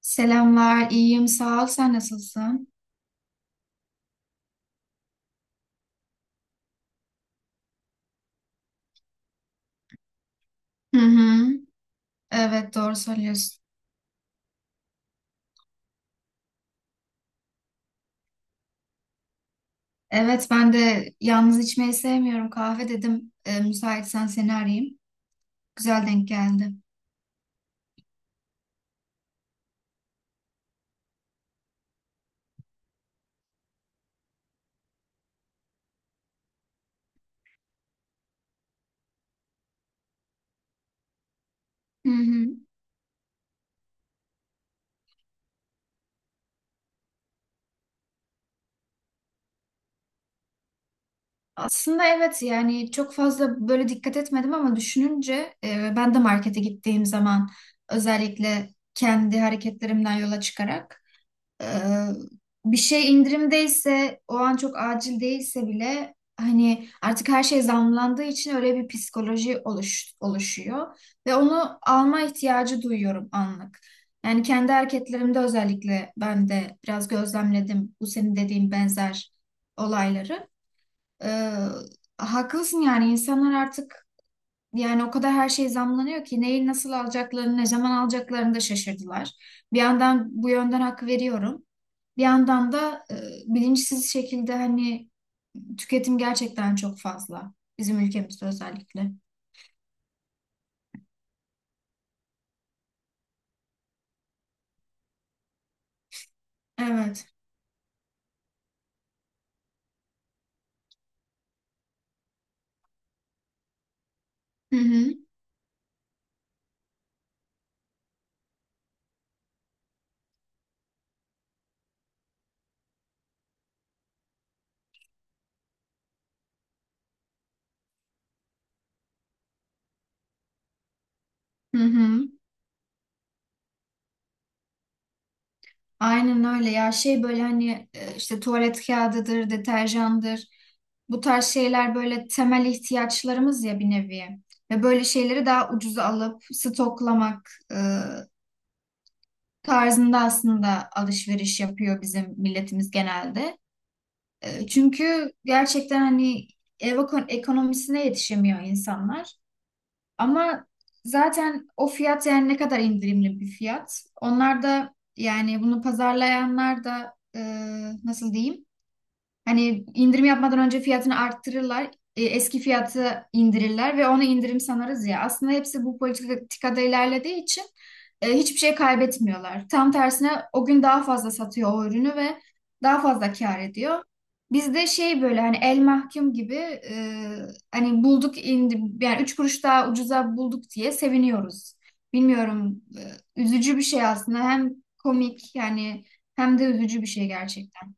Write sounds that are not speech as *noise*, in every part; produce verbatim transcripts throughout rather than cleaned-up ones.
Selamlar, iyiyim, sağ ol. Sen nasılsın? Hı hı. Evet, doğru söylüyorsun. Evet, ben de yalnız içmeyi sevmiyorum. Kahve dedim. E, müsaitsen seni arayayım. Güzel denk geldi. Hı hı. Aslında evet yani çok fazla böyle dikkat etmedim ama düşününce e, ben de markete gittiğim zaman özellikle kendi hareketlerimden yola çıkarak. Ee, bir şey indirimdeyse o an çok acil değilse bile hani artık her şey zamlandığı için öyle bir psikoloji oluş, oluşuyor ve onu alma ihtiyacı duyuyorum anlık. Yani kendi hareketlerimde özellikle ben de biraz gözlemledim bu senin dediğin benzer olayları. Ee, haklısın yani insanlar artık yani o kadar her şey zamlanıyor ki neyi nasıl alacaklarını, ne zaman alacaklarını da şaşırdılar. Bir yandan bu yönden hak veriyorum. Bir yandan da e, bilinçsiz şekilde hani tüketim gerçekten çok fazla. Bizim ülkemizde özellikle. Evet. Hı hı. Hı hı. Aynen öyle ya şey böyle hani e, işte tuvalet kağıdıdır, deterjandır. Bu tarz şeyler böyle temel ihtiyaçlarımız ya bir nevi. Ve böyle şeyleri daha ucuza alıp stoklamak e, tarzında aslında alışveriş yapıyor bizim milletimiz genelde. E, Çünkü gerçekten hani ev eko- ekonomisine yetişemiyor insanlar. Ama zaten o fiyat yani ne kadar indirimli bir fiyat. Onlar da yani bunu pazarlayanlar da e, nasıl diyeyim? Hani indirim yapmadan önce fiyatını arttırırlar. e, Eski fiyatı indirirler ve ona indirim sanarız ya. Aslında hepsi bu politikada ilerlediği için e, hiçbir şey kaybetmiyorlar. Tam tersine o gün daha fazla satıyor o ürünü ve daha fazla kâr ediyor. Bizde şey böyle hani el mahkum gibi e, hani bulduk indi yani üç kuruş daha ucuza bulduk diye seviniyoruz. Bilmiyorum e, üzücü bir şey aslında hem komik yani hem de üzücü bir şey gerçekten.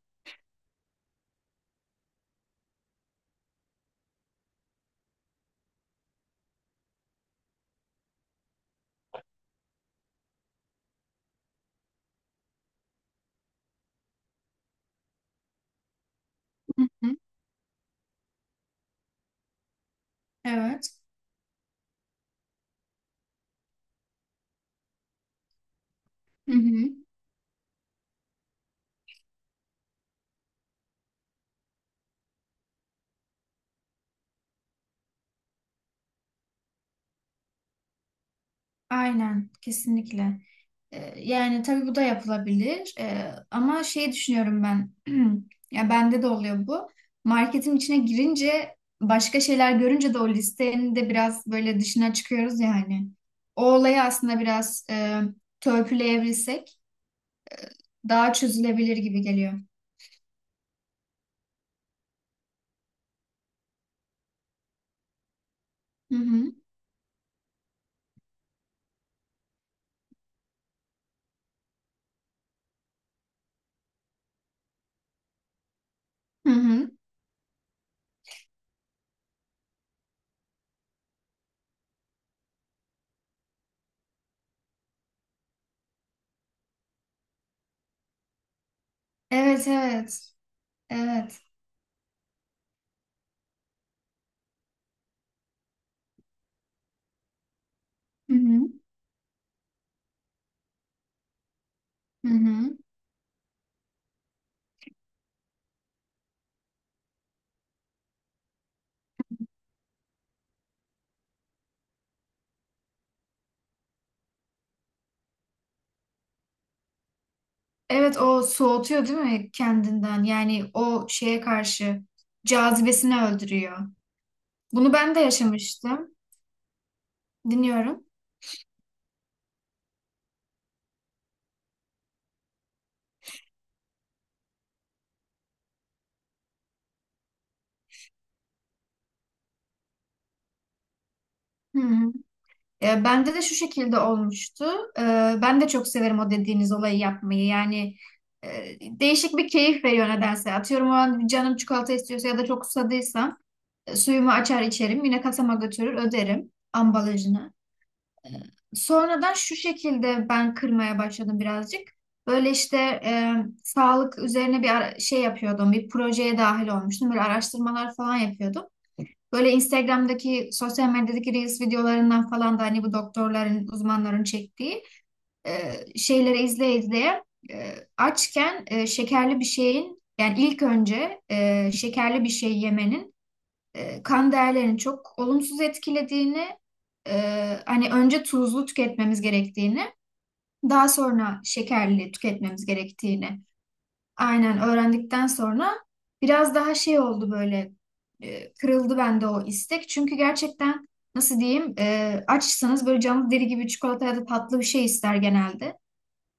Hı hı. Evet. Hı hı. Aynen, kesinlikle. Ee, yani tabii bu da yapılabilir. Ee, ama şey düşünüyorum ben. *clears throat* Ya bende de oluyor bu. Marketin içine girince başka şeyler görünce de o listenin de biraz böyle dışına çıkıyoruz yani. O olayı aslında biraz e, törpüleyebilsek daha çözülebilir gibi geliyor. Hı hı. Hı hı. Evet, evet. Evet. Hı hı. Hı hı. Evet o soğutuyor değil mi kendinden? Yani o şeye karşı cazibesini öldürüyor. Bunu ben de yaşamıştım. Dinliyorum. Hı hı. E, bende de şu şekilde olmuştu. E, ben de çok severim o dediğiniz olayı yapmayı. Yani e, değişik bir keyif veriyor nedense. Atıyorum o an canım çikolata istiyorsa ya da çok susadıysam e, suyumu açar içerim. Yine kasama götürür öderim ambalajını. Sonradan şu şekilde ben kırmaya başladım birazcık. Böyle işte e, sağlık üzerine bir ara- şey yapıyordum. Bir projeye dahil olmuştum. Böyle araştırmalar falan yapıyordum. Böyle Instagram'daki sosyal medyadaki Reels videolarından falan da hani bu doktorların, uzmanların çektiği e, şeyleri izleye izleye e, açken e, şekerli bir şeyin yani ilk önce e, şekerli bir şey yemenin e, kan değerlerini çok olumsuz etkilediğini, e, hani önce tuzlu tüketmemiz gerektiğini, daha sonra şekerli tüketmemiz gerektiğini aynen öğrendikten sonra biraz daha şey oldu böyle e, kırıldı bende o istek. Çünkü gerçekten nasıl diyeyim e, açsanız böyle canlı deri gibi çikolata ya da tatlı bir şey ister genelde.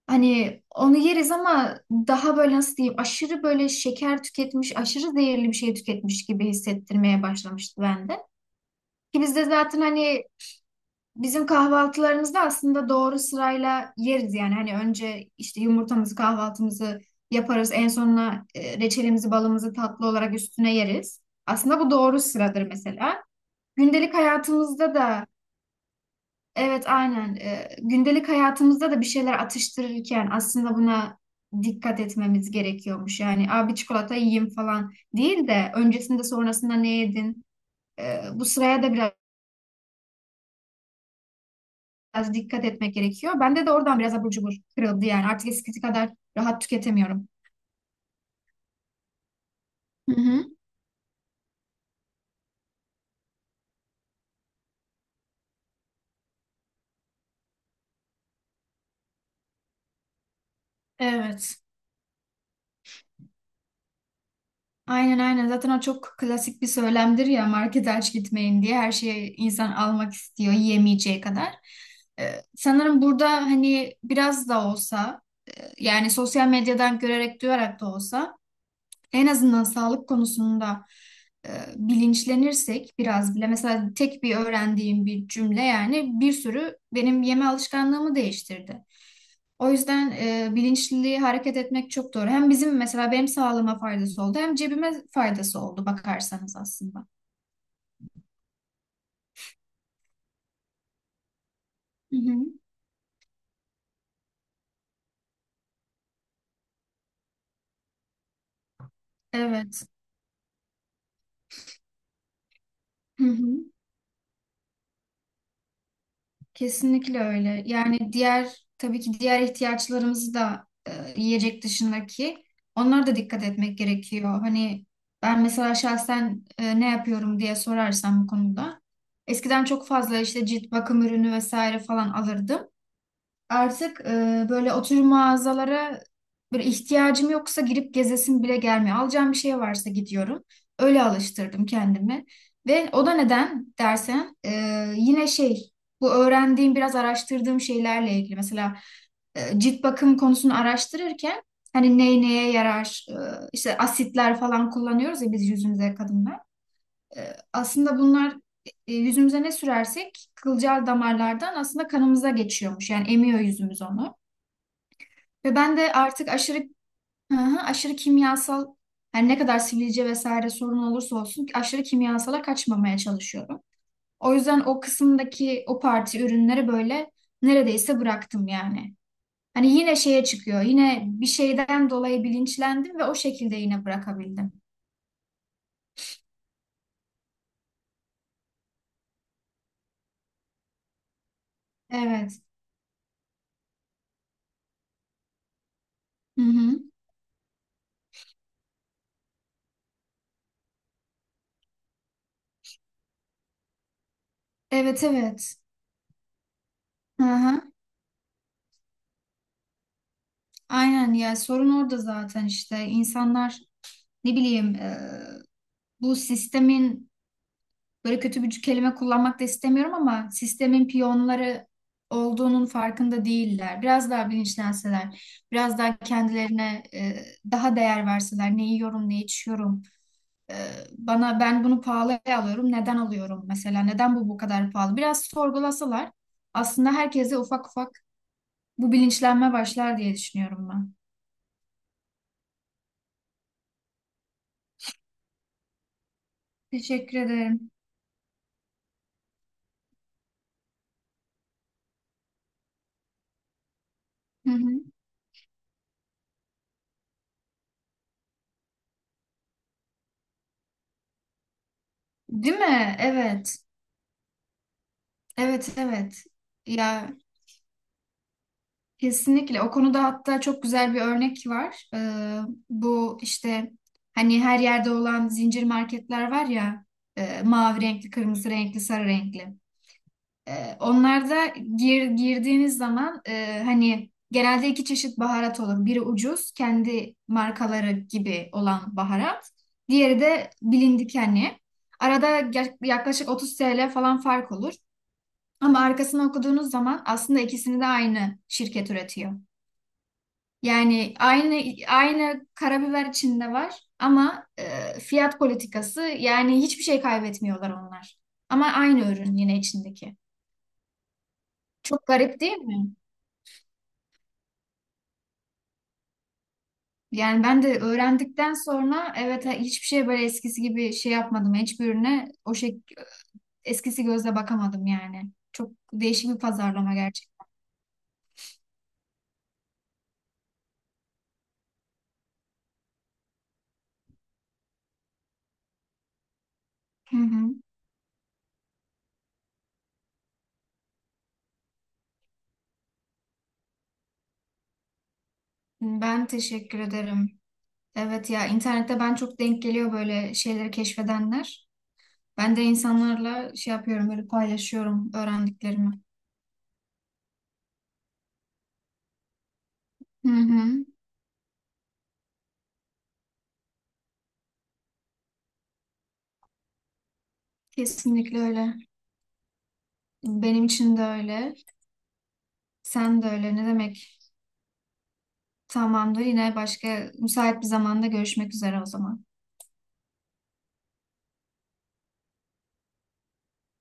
Hani onu yeriz ama daha böyle nasıl diyeyim aşırı böyle şeker tüketmiş, aşırı zehirli bir şey tüketmiş gibi hissettirmeye başlamıştı bende. Ki biz de zaten hani bizim kahvaltılarımızda aslında doğru sırayla yeriz yani. Hani önce işte yumurtamızı, kahvaltımızı yaparız. En sonuna e, reçelimizi, balımızı tatlı olarak üstüne yeriz. Aslında bu doğru sıradır mesela. Gündelik hayatımızda da evet aynen e, gündelik hayatımızda da bir şeyler atıştırırken aslında buna dikkat etmemiz gerekiyormuş. Yani abi çikolata yiyeyim falan değil de öncesinde sonrasında ne yedin? E, bu sıraya da biraz biraz dikkat etmek gerekiyor. Bende de oradan biraz abur cubur kırıldı yani. Artık eskisi kadar rahat tüketemiyorum. Hı hı. Evet. Aynen aynen. Zaten o çok klasik bir söylemdir ya markete aç gitmeyin diye. Her şeyi insan almak istiyor yiyemeyeceği kadar. Ee, sanırım burada hani biraz da olsa e, yani sosyal medyadan görerek duyarak da olsa en azından sağlık konusunda e, bilinçlenirsek biraz bile mesela tek bir öğrendiğim bir cümle yani bir sürü benim yeme alışkanlığımı değiştirdi. O yüzden e, bilinçli hareket etmek çok doğru. Hem bizim mesela benim sağlığıma faydası oldu hem cebime faydası oldu bakarsanız aslında. Hı hı. Evet. Hı hı. Kesinlikle öyle. Yani diğer tabii ki diğer ihtiyaçlarımızı da e, yiyecek dışındaki onlara da dikkat etmek gerekiyor. Hani ben mesela şahsen e, ne yapıyorum diye sorarsam bu konuda. Eskiden çok fazla işte cilt bakım ürünü vesaire falan alırdım. Artık e, böyle oturum mağazalara böyle ihtiyacım yoksa girip gezesim bile gelmiyor. Alacağım bir şey varsa gidiyorum. Öyle alıştırdım kendimi. Ve o da neden dersen e, yine şey bu öğrendiğim biraz araştırdığım şeylerle ilgili. Mesela e, cilt bakım konusunu araştırırken hani ney neye yarar e, işte asitler falan kullanıyoruz ya biz yüzümüze kadınlar. E, Aslında bunlar e, yüzümüze ne sürersek kılcal damarlardan aslında kanımıza geçiyormuş. Yani emiyor yüzümüz onu. Ve ben de artık aşırı hı hı, aşırı kimyasal yani ne kadar sivilce vesaire sorun olursa olsun aşırı kimyasala kaçmamaya çalışıyorum. O yüzden o kısımdaki o parti ürünleri böyle neredeyse bıraktım yani. Hani yine şeye çıkıyor. Yine bir şeyden dolayı bilinçlendim ve o şekilde yine bırakabildim. Evet. Hı hı. Evet evet. Hı hı. Aynen ya sorun orada zaten işte insanlar ne bileyim e, bu sistemin, böyle kötü bir kelime kullanmak da istemiyorum ama, sistemin piyonları olduğunun farkında değiller. Biraz daha bilinçlenseler, biraz daha kendilerine e, daha değer verseler, ne yiyorum, ne içiyorum, e, bana ben bunu pahalıya alıyorum, neden alıyorum mesela, neden bu bu kadar pahalı? Biraz sorgulasalar aslında herkese ufak ufak bu bilinçlenme başlar diye düşünüyorum ben. Teşekkür ederim. Hı hı. Değil mi? Evet. Evet, evet. Ya, kesinlikle o konuda hatta çok güzel bir örnek var. Ee, bu işte hani her yerde olan zincir marketler var ya e, mavi renkli, kırmızı renkli, sarı renkli. Ee, onlarda gir, girdiğiniz zaman e, hani genelde iki çeşit baharat olur. Biri ucuz, kendi markaları gibi olan baharat. Diğeri de bilindik hani. Arada ger- yaklaşık otuz T L falan fark olur. Ama arkasını okuduğunuz zaman aslında ikisini de aynı şirket üretiyor. Yani aynı aynı karabiber içinde var ama e, fiyat politikası yani hiçbir şey kaybetmiyorlar onlar. Ama aynı ürün yine içindeki. Çok garip değil mi? Yani ben de öğrendikten sonra evet ha- hiçbir şey böyle eskisi gibi şey yapmadım. Hiçbir ürüne o şey eskisi gözle bakamadım yani. Çok değişik bir pazarlama gerçekten. Hı hı. Ben teşekkür ederim. Evet ya internette ben çok denk geliyor böyle şeyleri keşfedenler. Ben de insanlarla şey yapıyorum, böyle paylaşıyorum öğrendiklerimi. Hı hı. Kesinlikle öyle. Benim için de öyle. Sen de öyle. Ne demek? Tamamdır. Yine başka müsait bir zamanda görüşmek üzere o zaman.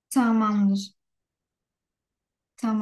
Tamamdır. Tamam.